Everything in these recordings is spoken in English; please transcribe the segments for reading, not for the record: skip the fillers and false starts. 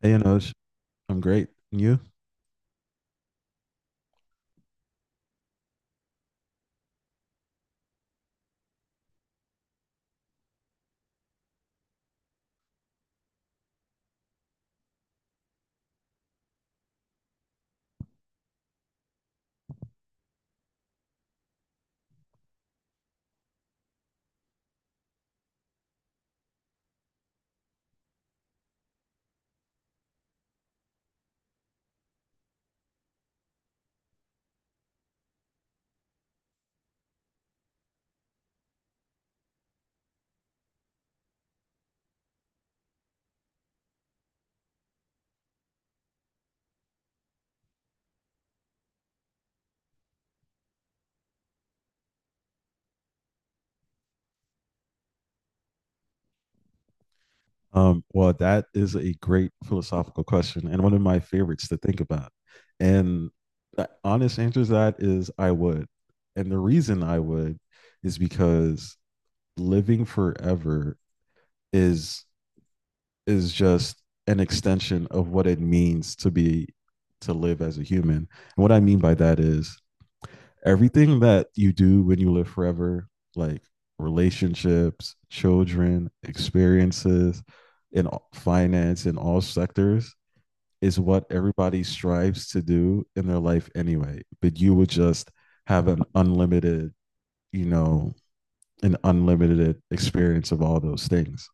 Hey, Anoj, I'm great. And you? Well, that is a great philosophical question and one of my favorites to think about. And the honest answer to that is I would. And the reason I would is because living forever is is just an extension of what it means to be to live as a human. And what I mean by that is everything that you do when you live forever, like relationships, children, experiences, in finance, in all sectors, is what everybody strives to do in their life anyway. But you would just have you know, an unlimited experience of all those things.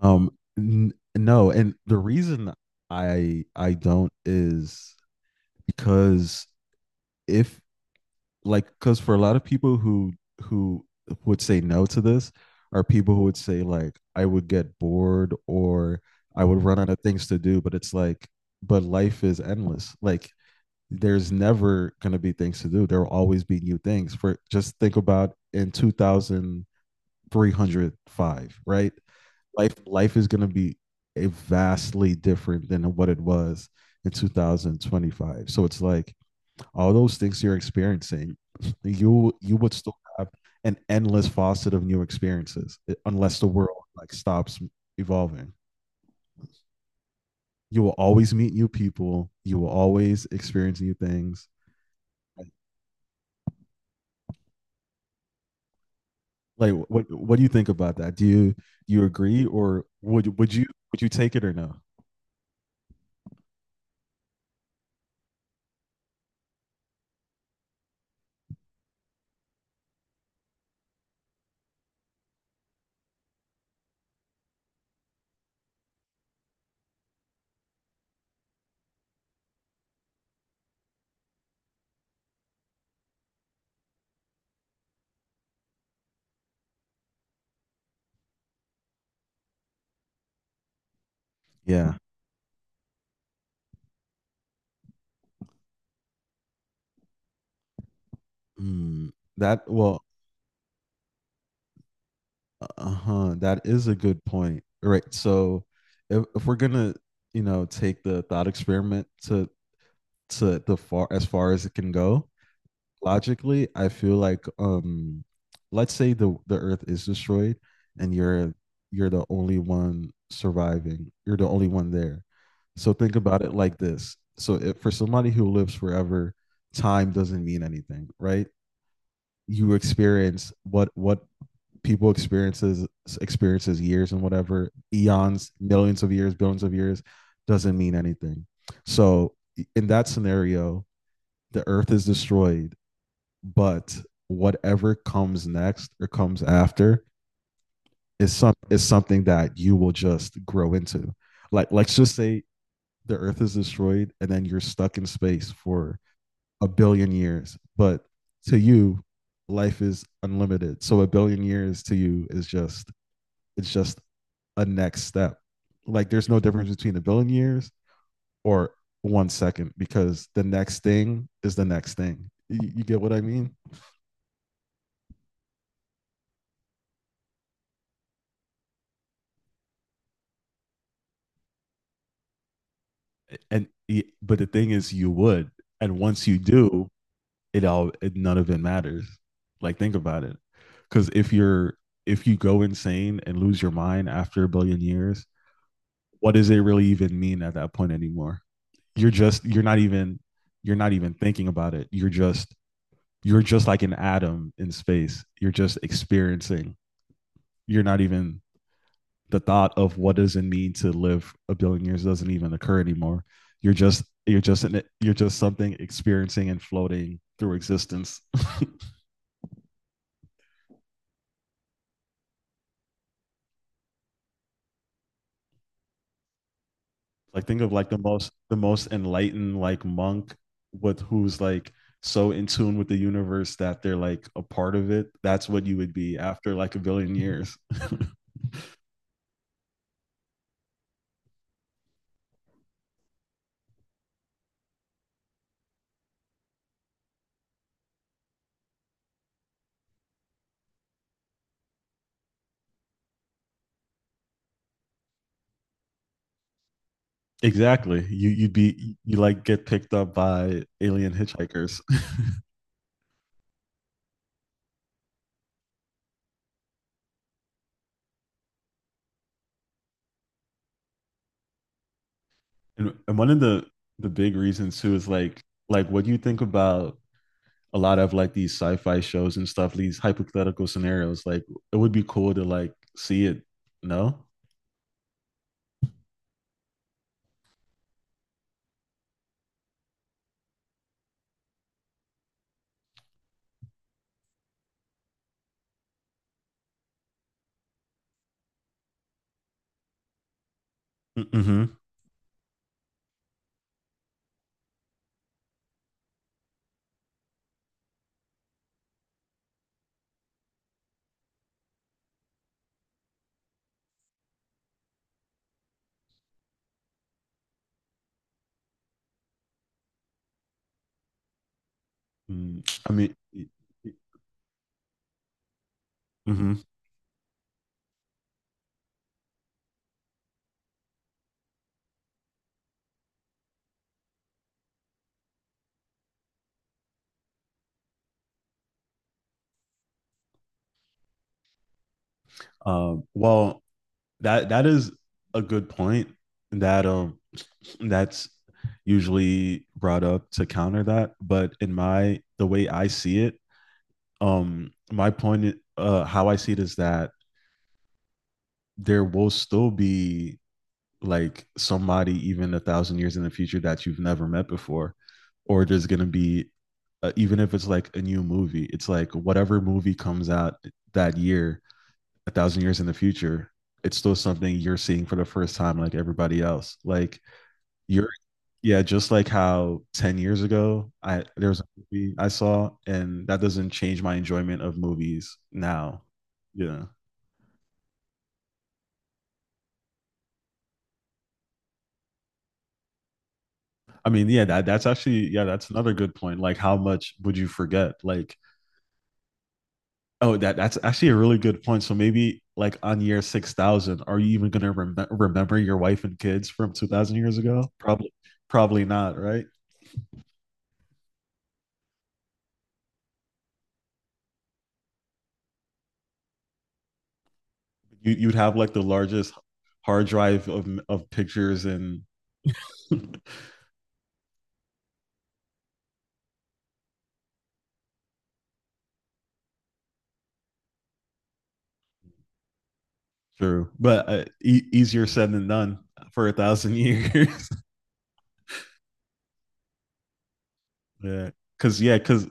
Um, no, and the reason I don't is because if like because for a lot of people who would say no to this are people who would say like I would get bored or I would run out of things to do. But it's like, but life is endless. Like there's never going to be things to do. There will always be new things. For just think about in 2305, right? Life is going to be a vastly different than what it was in 2025. So it's like all those things you're experiencing, you would still have an endless faucet of new experiences, unless the world like stops evolving. You will always meet new people. You will always experience new things. Like what do you think about that? Do you agree or would you take it or no? Yeah. Mm, that well, Uh-huh. That is a good point. Right. So if we're gonna, take the thought experiment to the far as it can go, logically, I feel like let's say the earth is destroyed and you're the only one surviving. You're the only one there. So think about it like this. So if for somebody who lives forever, time doesn't mean anything, right? You experience what people experiences years and whatever eons millions of years billions of years doesn't mean anything, so in that scenario, the earth is destroyed, but whatever comes next or comes after is something that you will just grow into. Like let's just say the earth is destroyed and then you're stuck in space for a billion years, but to you life is unlimited, so a billion years to you is just it's just a next step. Like there's no difference between the billion years or 1 second, because the next thing is the next thing. You get what I mean? And but the thing is, you would, and once you do, none of it matters. Like think about it, because if you go insane and lose your mind after a billion years, what does it really even mean at that point anymore? You're just you're not even thinking about it. You're just like an atom in space. You're just experiencing. You're not even The thought of what does it mean to live a billion years doesn't even occur anymore. You're just something experiencing and floating through existence. Like think of like the most enlightened like monk with who's like so in tune with the universe that they're like a part of it. That's what you would be after like a billion years. Exactly. You you'd be you like get picked up by alien hitchhikers. And one of the big reasons too is like what do you think about a lot of like these sci-fi shows and stuff, these hypothetical scenarios? Like it would be cool to like see it. No? Mm-hmm. Mm, I mean, mm-hmm. Well, that is a good point that um that's usually brought up to counter that, but in my the way I see it, my point, how I see it is that there will still be like somebody even a thousand years in the future that you've never met before, or there's going to be even if it's like a new movie, it's like whatever movie comes out that year a thousand years in the future, it's still something you're seeing for the first time like everybody else, like you're yeah, just like how 10 years ago I there was a movie I saw and that doesn't change my enjoyment of movies now, yeah. I mean, yeah, that's actually, yeah, that's another good point. Like, how much would you forget? Like, oh, that's actually a really good point. So maybe like on year 6,000, are you even gonna remember your wife and kids from 2,000 years ago? Probably, probably not, right? You'd have like the largest hard drive of pictures and true, but easier said than done for a thousand years. Yeah, because yeah, because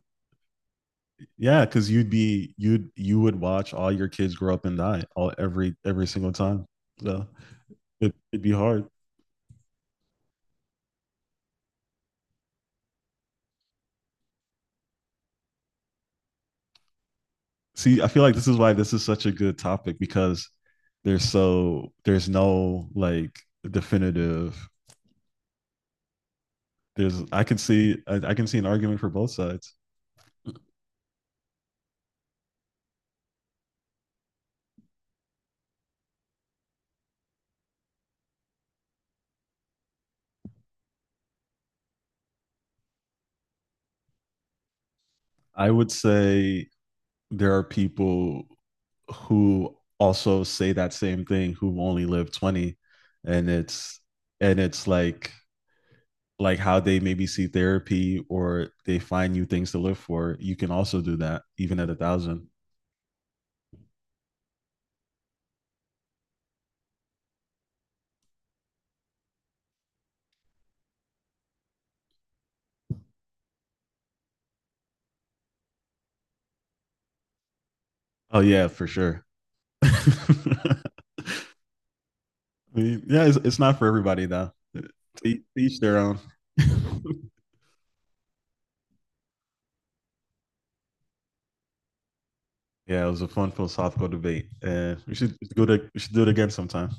Yeah, because you'd be you'd you would watch all your kids grow up and die all every single time. So it'd be hard. See, I feel like this is why this is such a good topic, because there's no like definitive. There's I can see an argument for both sides. I would say there are people who also say that same thing who only live 20, and it's and it's like how they maybe see therapy or they find new things to live for. You can also do that even at a thousand. Oh yeah, for sure. I mean, yeah, it's not for everybody though. To each their own. Yeah, it was a fun philosophical debate, and we should do it again sometime.